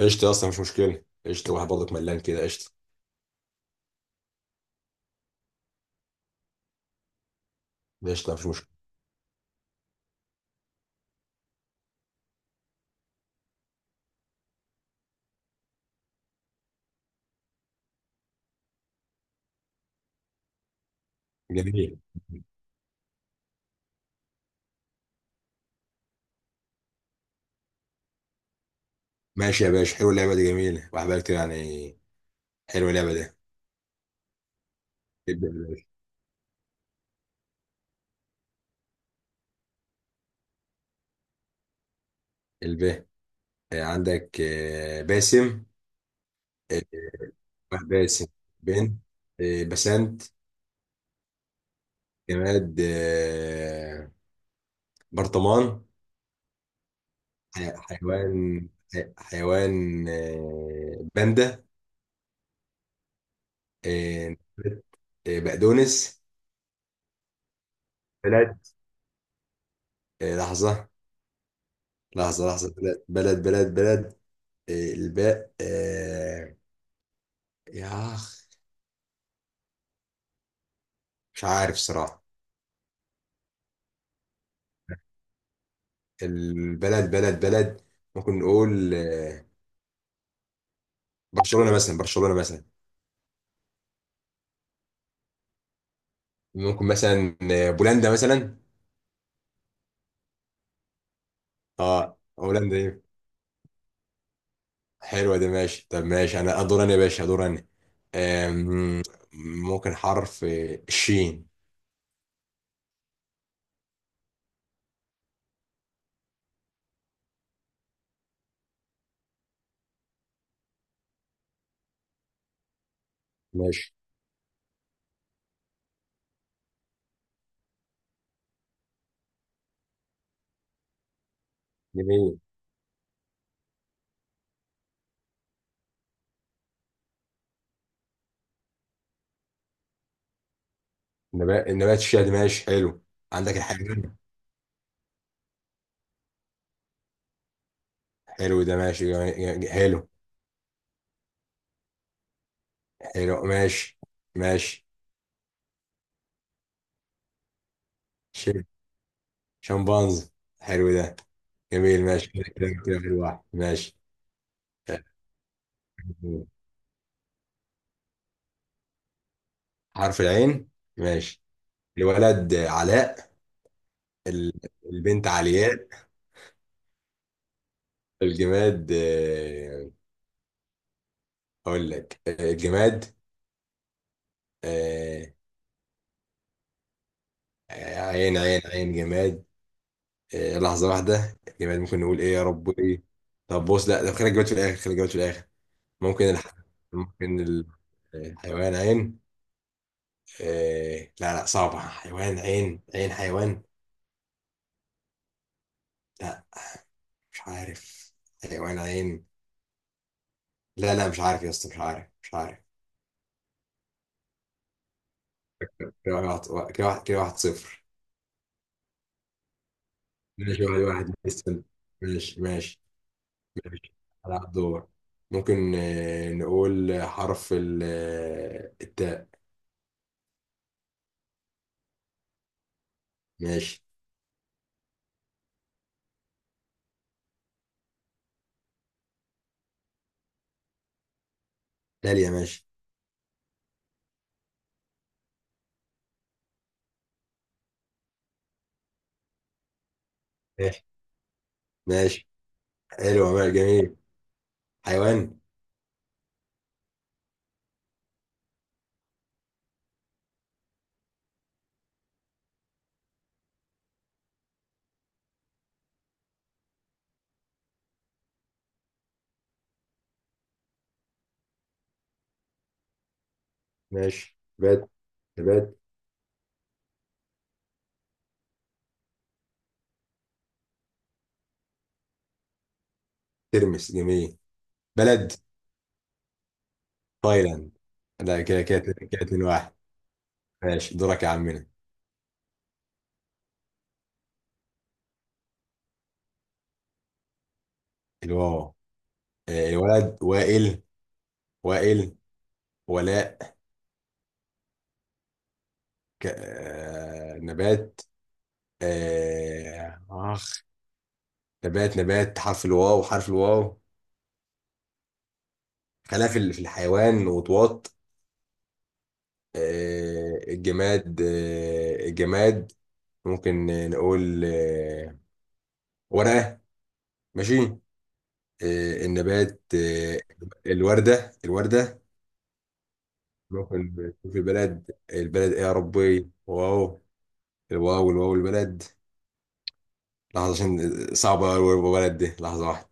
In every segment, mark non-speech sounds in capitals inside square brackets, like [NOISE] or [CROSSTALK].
قشطة يا اسطى، مش مشكلة. قشطة واحد برضك ملان كده. قشطة قشطة مش مشكلة. جميل. ماشي يا باشا، حلوة اللعبة دي. جميلة واحد بقى كتير يعني. حلوة اللعبة دي. ابدأ يا باشا. الب. عندك باسم. آه، واحد باسم. بن. بسنت. جماد برطمان. حيوان. حيوان باندا. آه، بقدونس. بلد. لحظة. لحظة لحظة. بلد بلد بلد بلد. الباء آه. يا أخ، مش عارف صراحة. البلد بلد بلد. ممكن نقول آه، برشلونة مثلا، برشلونة مثلا. ممكن مثلا بولندا مثلا. اه هولندا دي. حلوة دي، ماشي. طب ماشي، أنا أدور، أنا يا باشا أدور أنا. آم، ممكن حرف الشين. ماشي. جميل. نبات، نبات الشيا دي. ماشي، حلو. عندك الحيوان. حلو ده. ماشي. حلو. حلو. ماشي ماشي. شمبانز. حلو ده. جميل. ماشي كده كده، شكراً. كده في الواحد. ماشي. حرف العين. ماشي. الولد علاء. ال- البنت علياء. الجماد، اقول لك الجماد. آه، عين عين عين جماد. لحظة واحدة، الجماد ممكن نقول ايه، يا رب ايه. طب بص، لا طب خلي الجماد في الاخر، خلي الجماد في الاخر. ممكن الح... ممكن الحيوان عين. لا لا صعبة. حيوان عين، عين حيوان. لا، مش عارف. حيوان عين. لا لا، مش عارف يا اسطى، مش عارف مش عارف. كده واحد، كده واحد، كده 1-0. ماشي. 1-1 لسه. ماشي ماشي. ماشي على الدور. ممكن نقول حرف التاء. ماشي. داليا ماشي. ماشي ماشي. حلو. ماشي. جميل. حيوان. ماشي. نبات. نبات ترمس. جميل. بلد تايلاند. لا كده كده كده، 2-1. ماشي، دورك يا عمنا. الواو. الولد وائل. وائل. ولاء. نبات. اخ. نبات نبات، حرف الواو، حرف الواو. خلاف في في الحيوان وطواط. الجماد، الجماد. ممكن نقول ورقة. ماشي. النبات الوردة، الوردة. ممكن تشوف البلد، البلد ايه يا ربي، واو. الواو الواو البلد. لحظة عشان صعبة أوي البلد دي، لحظة واحدة.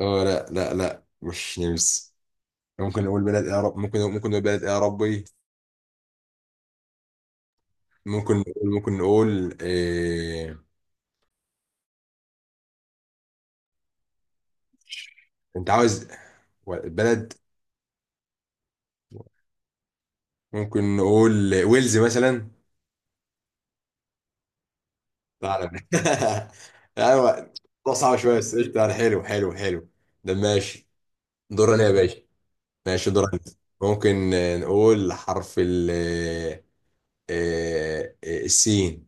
اه لا لا لا، مش نمس. ممكن نقول بلد اعراب، ممكن ممكن نقول بلد اعرابي. ممكن نقول، ممكن نقول انت عاوز بلد. ممكن نقول ويلز مثلا. لا لا. [LAUGHS] ايوه. ده صعب شويه بس قشطة، يعني. حلو حلو حلو. ده ماشي. دورنا يا باشا. ماشي دورنا. ممكن نقول حرف ال آه، آه، آه، السين.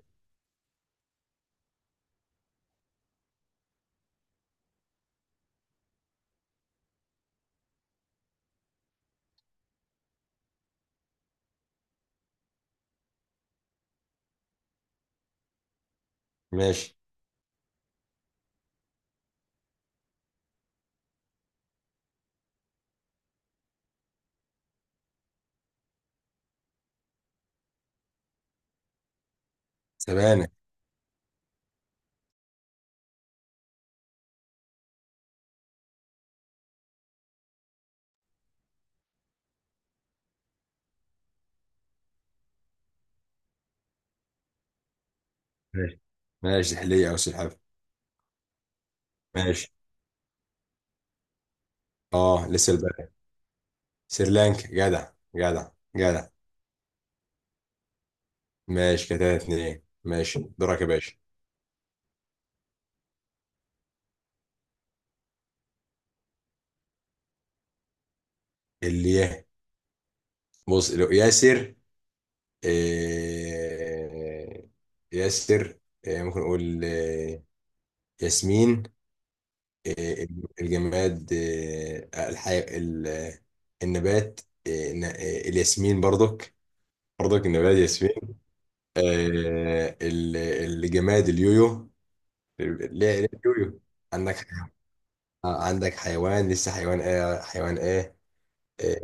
ماشي. سبانة. ماشي. ماشي سحلية أو سلحفاة. ماشي. اه لسه البلد سريلانكا. جدع جدع جدع. ماشي كده اتنين. ماشي، دورك يا باشا. اللي يه. بص، لو ياسر. إيه ياسر. إيه ممكن نقول إيه. ياسمين. إيه الجماد. إيه النبات. إيه، إيه الياسمين برضك. برضك النبات ياسمين. إيه. ال- الجماد اليويو. ليه. ليه اليويو. عندك عندك حيوان لسه. حيوان ايه، حيوان ايه. آه،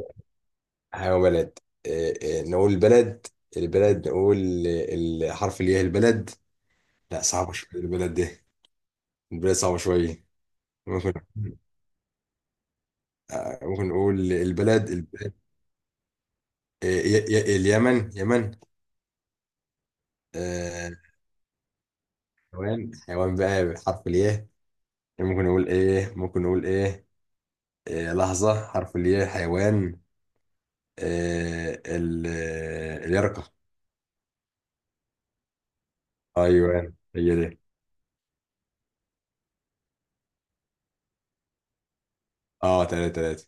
حيوان بلد. آه، نقول بلد. البلد نقول الحرف اللي هي البلد. لا صعبة شوية البلد دي، البلد صعبة شوية. ممكن ممكن نقول البلد، البلد اليمن، يمن. آه، حيوان حيوان بقى بحرف الياء. ممكن نقول ايه، ممكن نقول ايه. لحظة حرف الياء حيوان. اليرقة. ايوه هي دي. اه 3-3.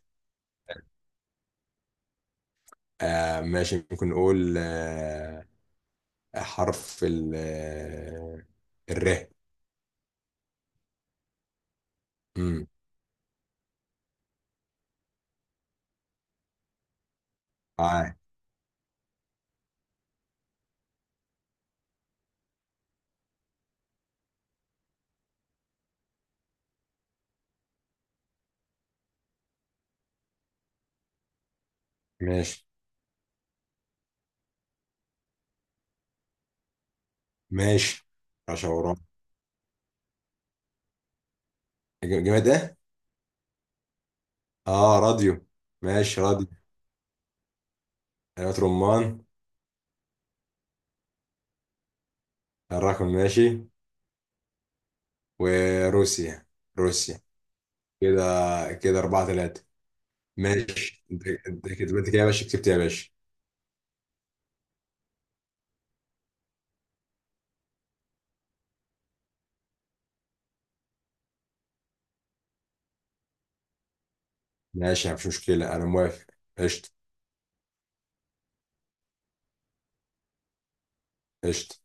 آه ماشي. ممكن نقول حرف ال آه، الر. امم معاك. ماشي ماشي. رشا ورا. جماد ايه؟ اه راديو. ماشي راديو. حلويات رمان. الرقم ماشي. وروسيا. روسيا. كده. كده 4-3. ماشي، انت انت كده، انت كده يا باشا كسبت يا باشا. ماشي، مفيش مشكلة، أنا موافق. قشطة. قشطة.